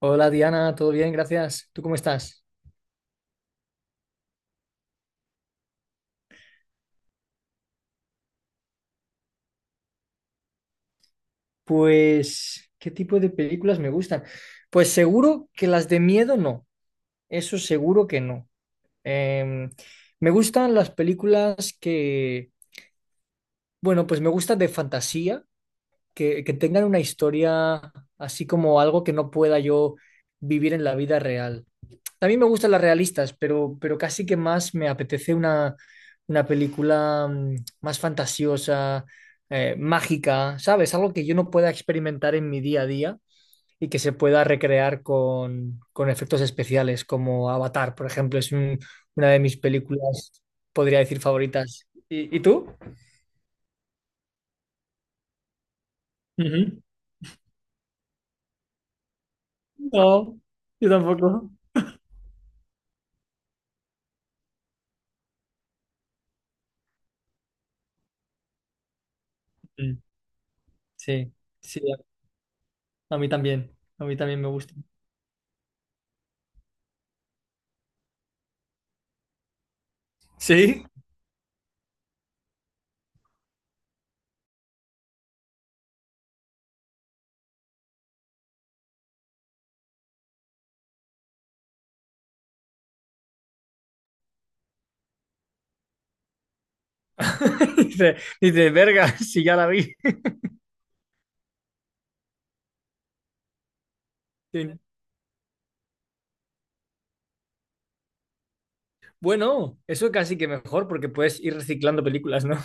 Hola Diana, ¿todo bien? Gracias. ¿Tú cómo estás? Pues, ¿qué tipo de películas me gustan? Pues seguro que las de miedo no, eso seguro que no. Em, Me gustan las películas que, bueno, pues me gustan de fantasía, que tengan una historia así como algo que no pueda yo vivir en la vida real. También me gustan las realistas, pero casi que más me apetece una película más fantasiosa, mágica, ¿sabes? Algo que yo no pueda experimentar en mi día a día y que se pueda recrear con efectos especiales, como Avatar, por ejemplo, una de mis películas, podría decir, favoritas. ¿Y tú? Ujú. No, yo tampoco. Mm. Sí, sí, a mí también me gusta. ¿Sí? dice, dice verga, si ya la vi. Bueno, eso casi que mejor porque puedes ir reciclando películas, ¿no?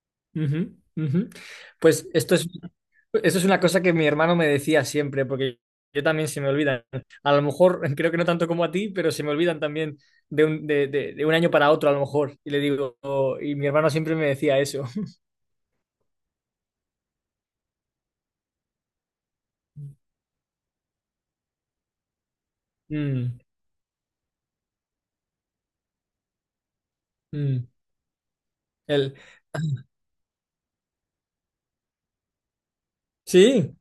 Ujú, ujú. Pues esto es una cosa que mi hermano me decía siempre, porque yo también se me olvidan. A lo mejor, creo que no tanto como a ti, pero se me olvidan también de un año para otro, a lo mejor. Y le digo, y mi hermano siempre me decía eso. Mm, mm. Él, sí,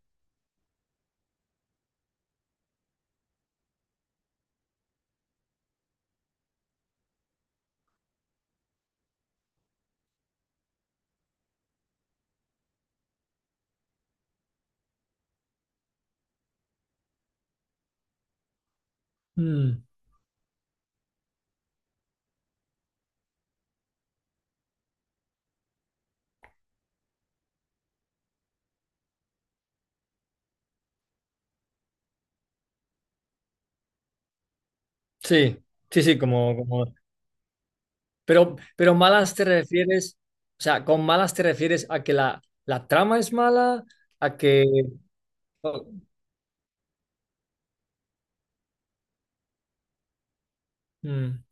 mm, sí, sí, sí, como, como Pero malas te refieres, o sea, con malas te refieres a que la trama es mala, a que... oh, mm,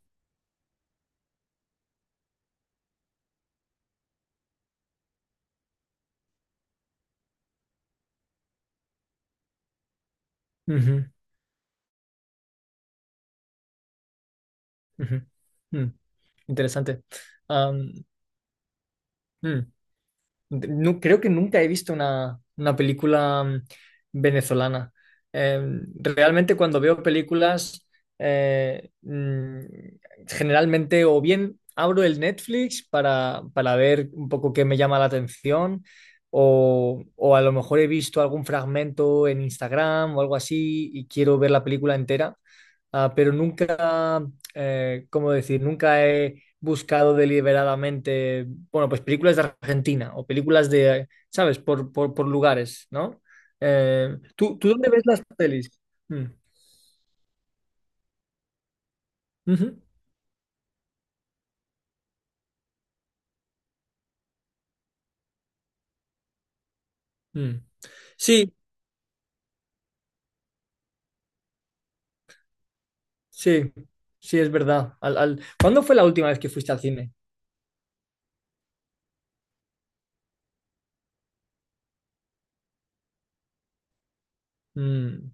ujú, ujú, mm, interesante. Am, mm. No creo que nunca he visto una película venezolana. Eh, Realmente cuando veo películas, eh, mm, generalmente o bien abro el Netflix para ver un poco qué me llama la atención, o a lo mejor he visto algún fragmento en Instagram o algo así y quiero ver la película entera. Ah, pero nunca, ¿cómo decir? Nunca he buscado deliberadamente, bueno, pues películas de Argentina o películas de, ¿sabes? Por lugares, ¿no? ¿Tú dónde ves las pelis? Mm, ujú, mm. Sí, sí, sí, es verdad. ¿Cuándo fue la última vez que fuiste al cine? Mm,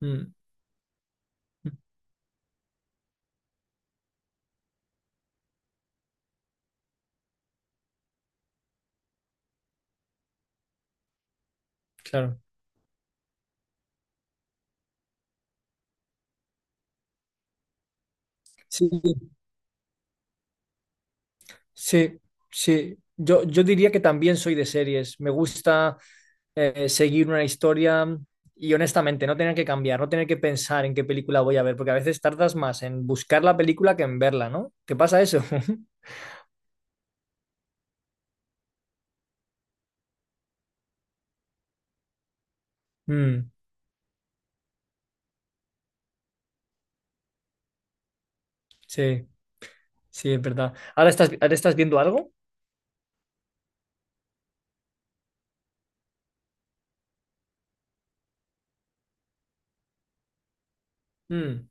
mm, mm, claro. Sí. sí. Sí, sí. Yo diría que también soy de series. Me gusta seguir una historia y honestamente no tener que cambiar, no tener que pensar en qué película voy a ver, porque a veces tardas más en buscar la película que en verla, ¿no? ¿Qué pasa eso? Mm, sí, sí, es verdad. ¿Ahora estás viendo algo? Mm,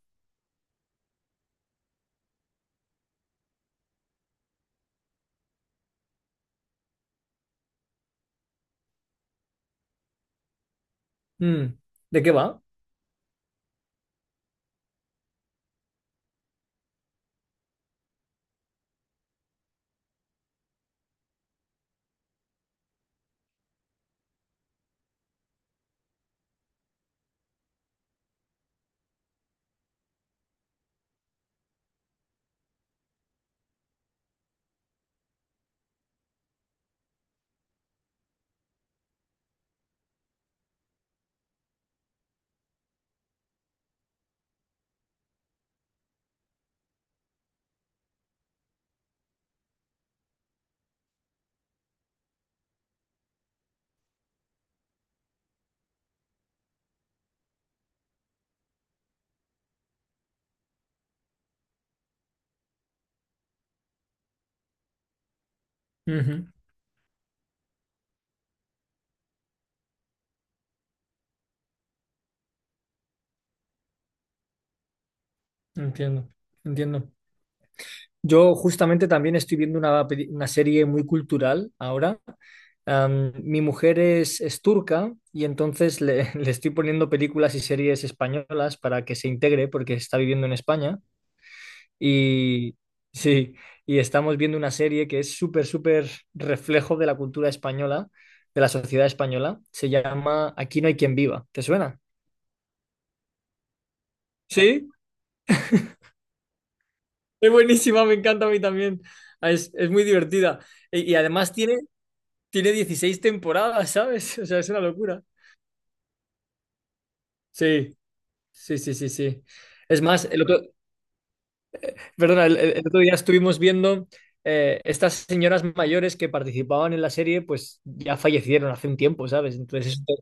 mm. ¿De qué va? Ujú. Entiendo, entiendo. Yo justamente también estoy viendo una serie muy cultural ahora. Mi mujer es turca y entonces le estoy poniendo películas y series españolas para que se integre porque está viviendo en España. Y sí, y estamos viendo una serie que es súper, súper reflejo de la cultura española, de la sociedad española. Se llama Aquí no hay quien viva. ¿Te suena? Sí, es buenísima, me encanta a mí también. Es muy divertida. Y además tiene 16 temporadas, ¿sabes? O sea, es una locura. Sí, sí, sí, sí, sí. Es más, el otro, perdona, el otro día estuvimos viendo estas señoras mayores que participaban en la serie, pues ya fallecieron hace un tiempo, ¿sabes? Entonces, eso,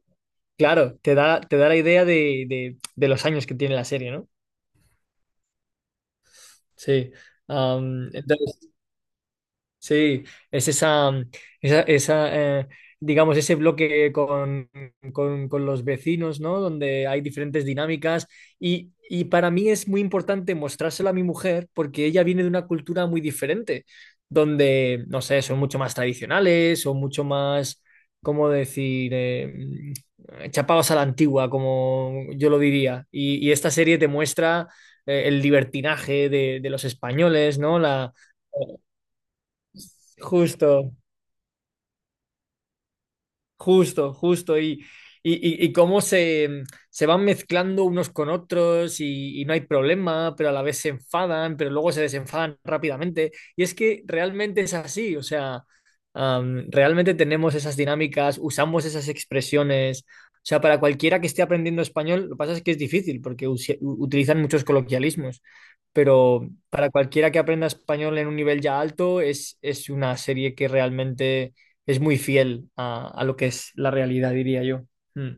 claro, te da la idea de, de los años que tiene la serie, ¿no? Sí. Entonces, sí, es esa, digamos, ese bloque con, con los vecinos, ¿no? Donde hay diferentes dinámicas y para mí es muy importante mostrárselo a mi mujer porque ella viene de una cultura muy diferente, donde, no sé, son mucho más tradicionales, son mucho más, ¿cómo decir? Chapados a la antigua, como yo lo diría. Y esta serie te muestra el libertinaje de los españoles, ¿no? La, justo. Justo, justo. Y cómo se van mezclando unos con otros y no hay problema, pero a la vez se enfadan, pero luego se desenfadan rápidamente. Y es que realmente es así, o sea, realmente tenemos esas dinámicas, usamos esas expresiones. O sea, para cualquiera que esté aprendiendo español, lo que pasa es que es difícil porque utilizan muchos coloquialismos, pero para cualquiera que aprenda español en un nivel ya alto, es una serie que realmente es muy fiel a lo que es la realidad, diría yo. Mm.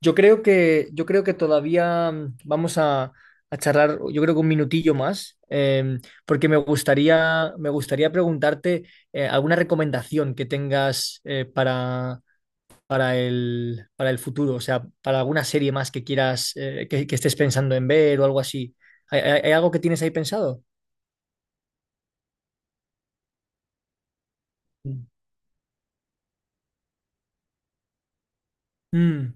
Yo creo que todavía vamos a charlar, yo creo que un minutillo más, porque me gustaría preguntarte alguna recomendación que tengas para el futuro, o sea, para alguna serie más que quieras, que estés pensando en ver o algo así. ¿Hay algo que tienes ahí pensado? Mm. Mm,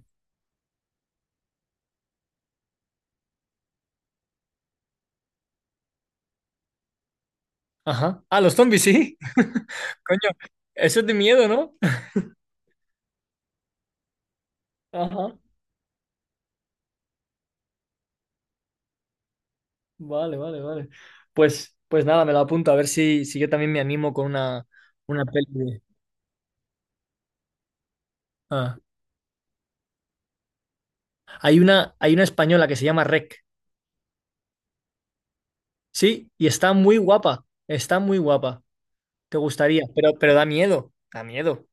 ajá. Ah, los zombies, sí. Coño, eso es de miedo, ¿no? Ajá, vale, vale, vale. Pues nada, me lo apunto a ver si yo también me animo con una peli. Ah. Hay una española que se llama Rec, sí, y está muy guapa, está muy guapa. Te gustaría, pero da miedo, da miedo,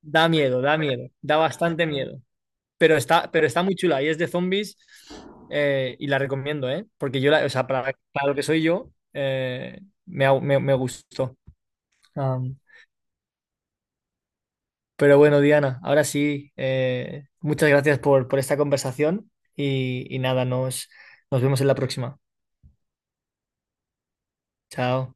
da miedo, da miedo, da bastante miedo. Pero está muy chula y es de zombies, y la recomiendo, ¿eh? Porque yo, la, o sea, para lo que soy yo, me gustó. Pero bueno, Diana, ahora sí, muchas gracias por esta conversación y nada, nos vemos en la próxima. Chao.